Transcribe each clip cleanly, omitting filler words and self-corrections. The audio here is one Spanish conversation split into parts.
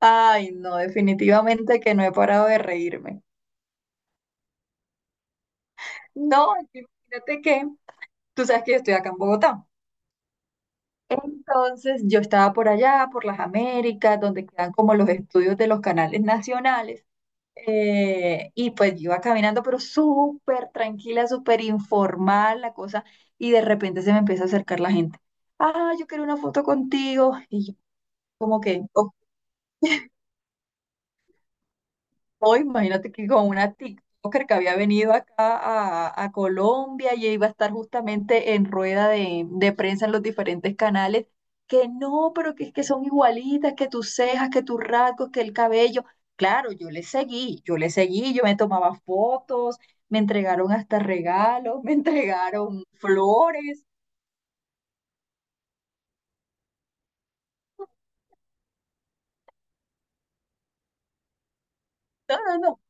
Ay, no, definitivamente que no he parado de reírme. No, es que imagínate que tú sabes que yo estoy acá en Bogotá. Entonces yo estaba por allá, por las Américas, donde quedan como los estudios de los canales nacionales. Y pues yo iba caminando, pero súper tranquila, súper informal la cosa. Y de repente se me empieza a acercar la gente. Ah, yo quiero una foto contigo. Y yo como que, ok. No, imagínate que con una TikToker que había venido acá a Colombia y iba a estar justamente en rueda de prensa en los diferentes canales, que no, pero que es que son igualitas, que tus cejas, que tus rasgos, que el cabello. Claro, yo le seguí, yo le seguí, yo me tomaba fotos, me entregaron hasta regalos, me entregaron flores. No, no, no.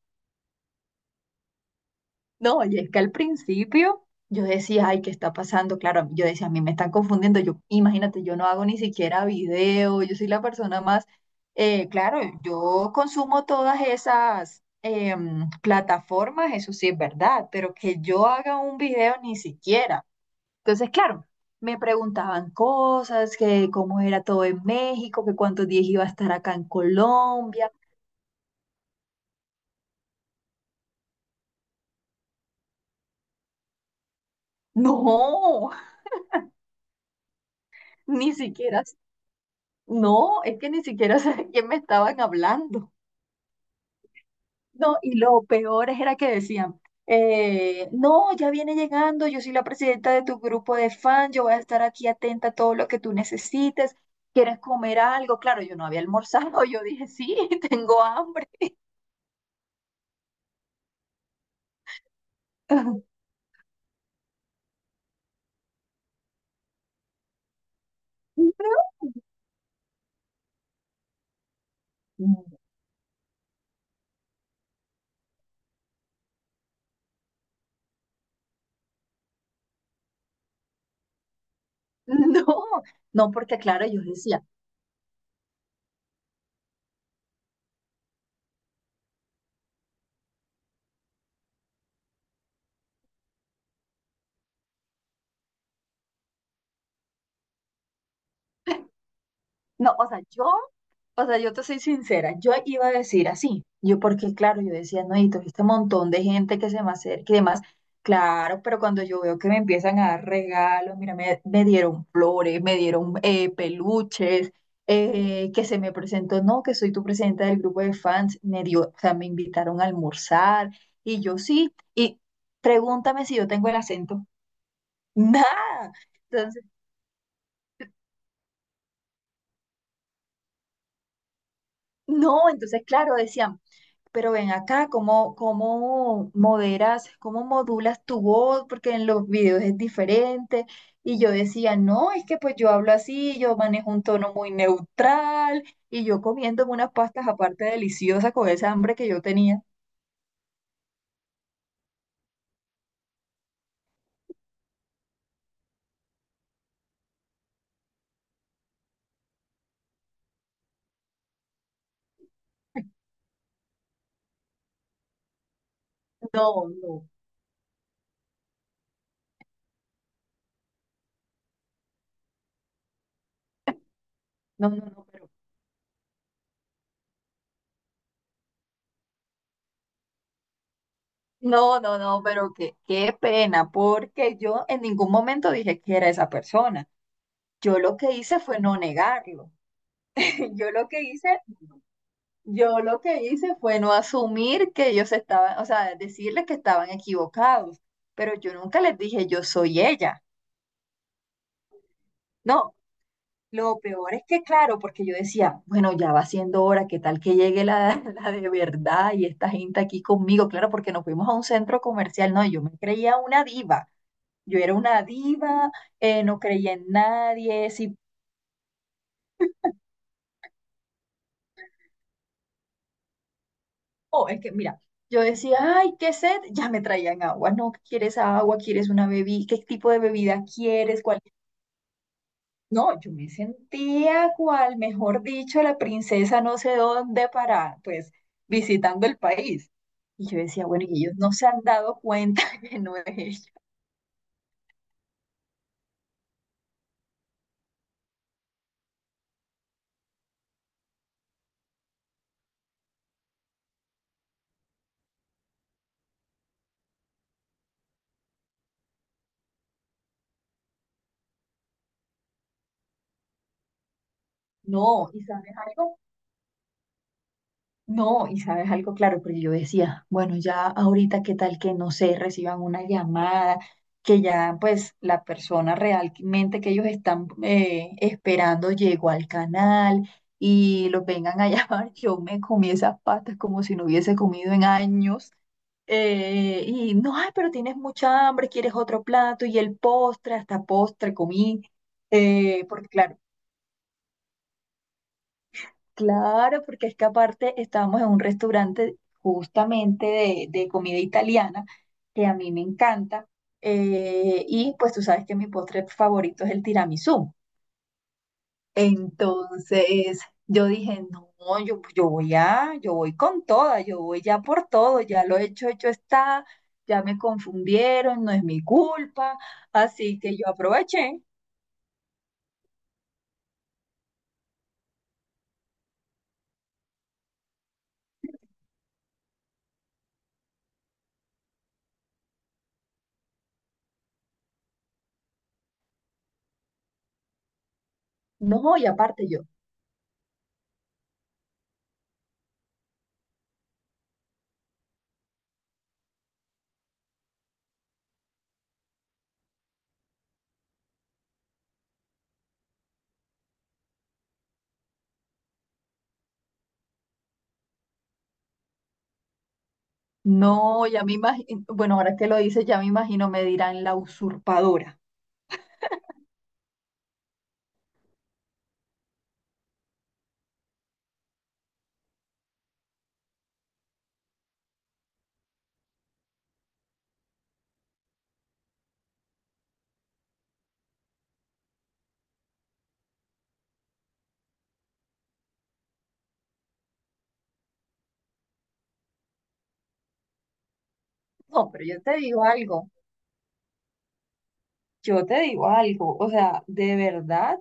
No, y es que al principio yo decía, ay, ¿qué está pasando? Claro, yo decía, a mí me están confundiendo. Yo, imagínate, yo no hago ni siquiera video, yo soy la persona más, claro, yo consumo todas esas plataformas, eso sí es verdad, pero que yo haga un video ni siquiera. Entonces, claro, me preguntaban cosas, que cómo era todo en México, que cuántos días iba a estar acá en Colombia. No, ni siquiera. No, es que ni siquiera sé de quién me estaban hablando. No, y lo peor es- era que decían, no, ya viene llegando, yo soy la presidenta de tu grupo de fans. Yo voy a estar aquí atenta a todo lo que tú necesites. ¿Quieres comer algo? Claro, yo no había almorzado, yo dije, sí, tengo hambre. No, no, porque claro, yo decía, no, o sea, yo. O sea, yo te soy sincera, yo iba a decir así, yo porque claro, yo decía, no, y todo este montón de gente que se me acerca y demás, claro, pero cuando yo veo que me empiezan a dar regalos, mira, me dieron flores, me dieron peluches, que se me presentó, no, que soy tu presidenta del grupo de fans, me dio, o sea, me invitaron a almorzar, y yo sí, y pregúntame si yo tengo el acento, nada, entonces, no, entonces claro, decían. Pero ven acá, ¿cómo, cómo moderas, cómo modulas tu voz? Porque en los videos es diferente. Y yo decía, no, es que pues yo hablo así, yo manejo un tono muy neutral y yo comiendo unas pastas aparte deliciosas con esa hambre que yo tenía. No, no, no, no, no, pero, no, no, no, pero qué, qué pena, porque yo en ningún momento dije que era esa persona. Yo lo que hice fue no negarlo. Yo lo que hice no. Yo lo que hice fue no asumir que ellos estaban, o sea, decirles que estaban equivocados, pero yo nunca les dije yo soy ella. No, lo peor es que, claro, porque yo decía, bueno, ya va siendo hora, ¿qué tal que llegue la, la de verdad y esta gente aquí conmigo? Claro, porque nos fuimos a un centro comercial, no, yo me creía una diva. Yo era una diva, no creía en nadie, si. Oh, es que mira, yo decía, ay, qué sed, ya me traían agua, no, ¿qué? ¿Quieres agua? ¿Quieres una bebida? ¿Qué tipo de bebida quieres? ¿Cuál? No, yo me sentía cual, mejor dicho, la princesa no sé dónde para, pues, visitando el país. Y yo decía, bueno, y ellos no se han dado cuenta que no es ella. No, ¿y sabes algo? No, y sabes algo, claro, porque yo decía, bueno, ya ahorita qué tal que no sé, reciban una llamada, que ya pues la persona realmente que ellos están esperando llegó al canal y los vengan a llamar, yo me comí esas pastas como si no hubiese comido en años. Y no, ay, pero tienes mucha hambre, quieres otro plato y el postre, hasta postre comí, porque claro. Claro, porque es que aparte estábamos en un restaurante justamente de comida italiana, que a mí me encanta, y pues tú sabes que mi postre favorito es el tiramisú. Entonces yo dije, no, yo voy a, yo voy con toda, yo voy ya por todo, ya lo hecho, hecho está, ya me confundieron, no es mi culpa, así que yo aproveché. No, y aparte yo. No, ya me imagino, bueno, ahora que lo dices, ya me imagino, me dirán la usurpadora. No, pero yo te digo algo, yo te digo algo, o sea, de verdad.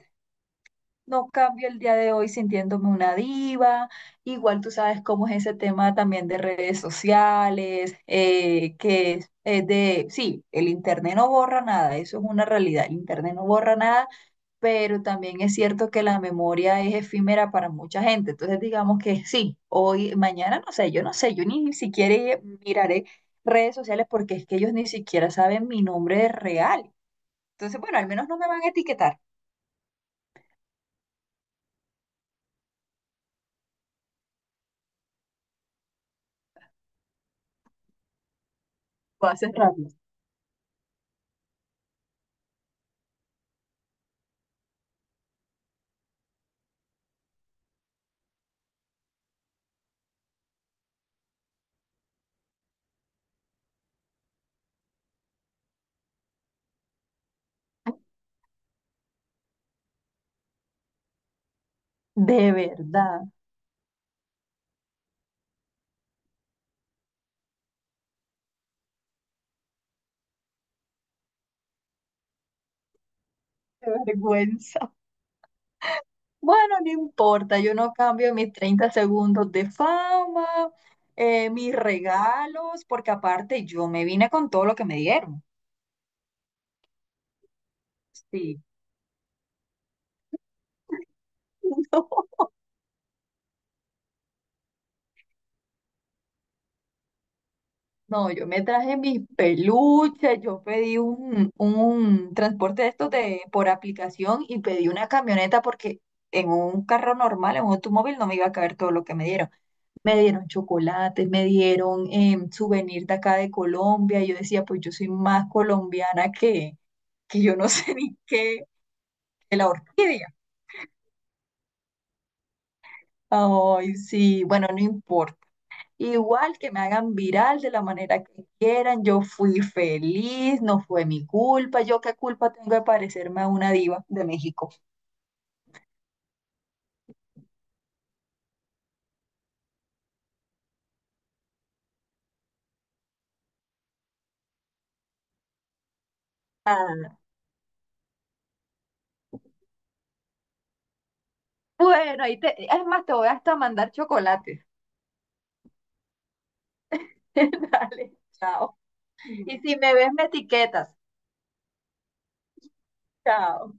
No cambio el día de hoy sintiéndome una diva. Igual tú sabes cómo es ese tema también de redes sociales, que es de, sí, el internet no borra nada, eso es una realidad, el internet no borra nada, pero también es cierto que la memoria es efímera para mucha gente. Entonces digamos que sí, hoy, mañana, no sé, yo no sé, yo ni siquiera miraré redes sociales porque es que ellos ni siquiera saben mi nombre real. Entonces, bueno, al menos no me van a etiquetar. Va a ser rápido. De verdad, qué vergüenza. Bueno, no importa, yo no cambio mis 30 segundos de fama, mis regalos, porque aparte yo me vine con todo lo que me dieron. Sí. No, no, yo me traje mis peluches, yo pedí un transporte de estos de, por aplicación y pedí una camioneta porque en un carro normal, en un automóvil, no me iba a caber todo lo que me dieron. Me dieron chocolates, me dieron souvenir de acá de Colombia. Y yo decía, pues yo soy más colombiana que yo no sé ni qué, que la orquídea. Ay, sí, bueno, no importa. Igual que me hagan viral de la manera que quieran, yo fui feliz, no fue mi culpa, yo qué culpa tengo de parecerme a una diva de México. Ah, bueno, ahí te, es más, te voy hasta mandar chocolates. Dale, chao. Y si me ves, me etiquetas. Chao.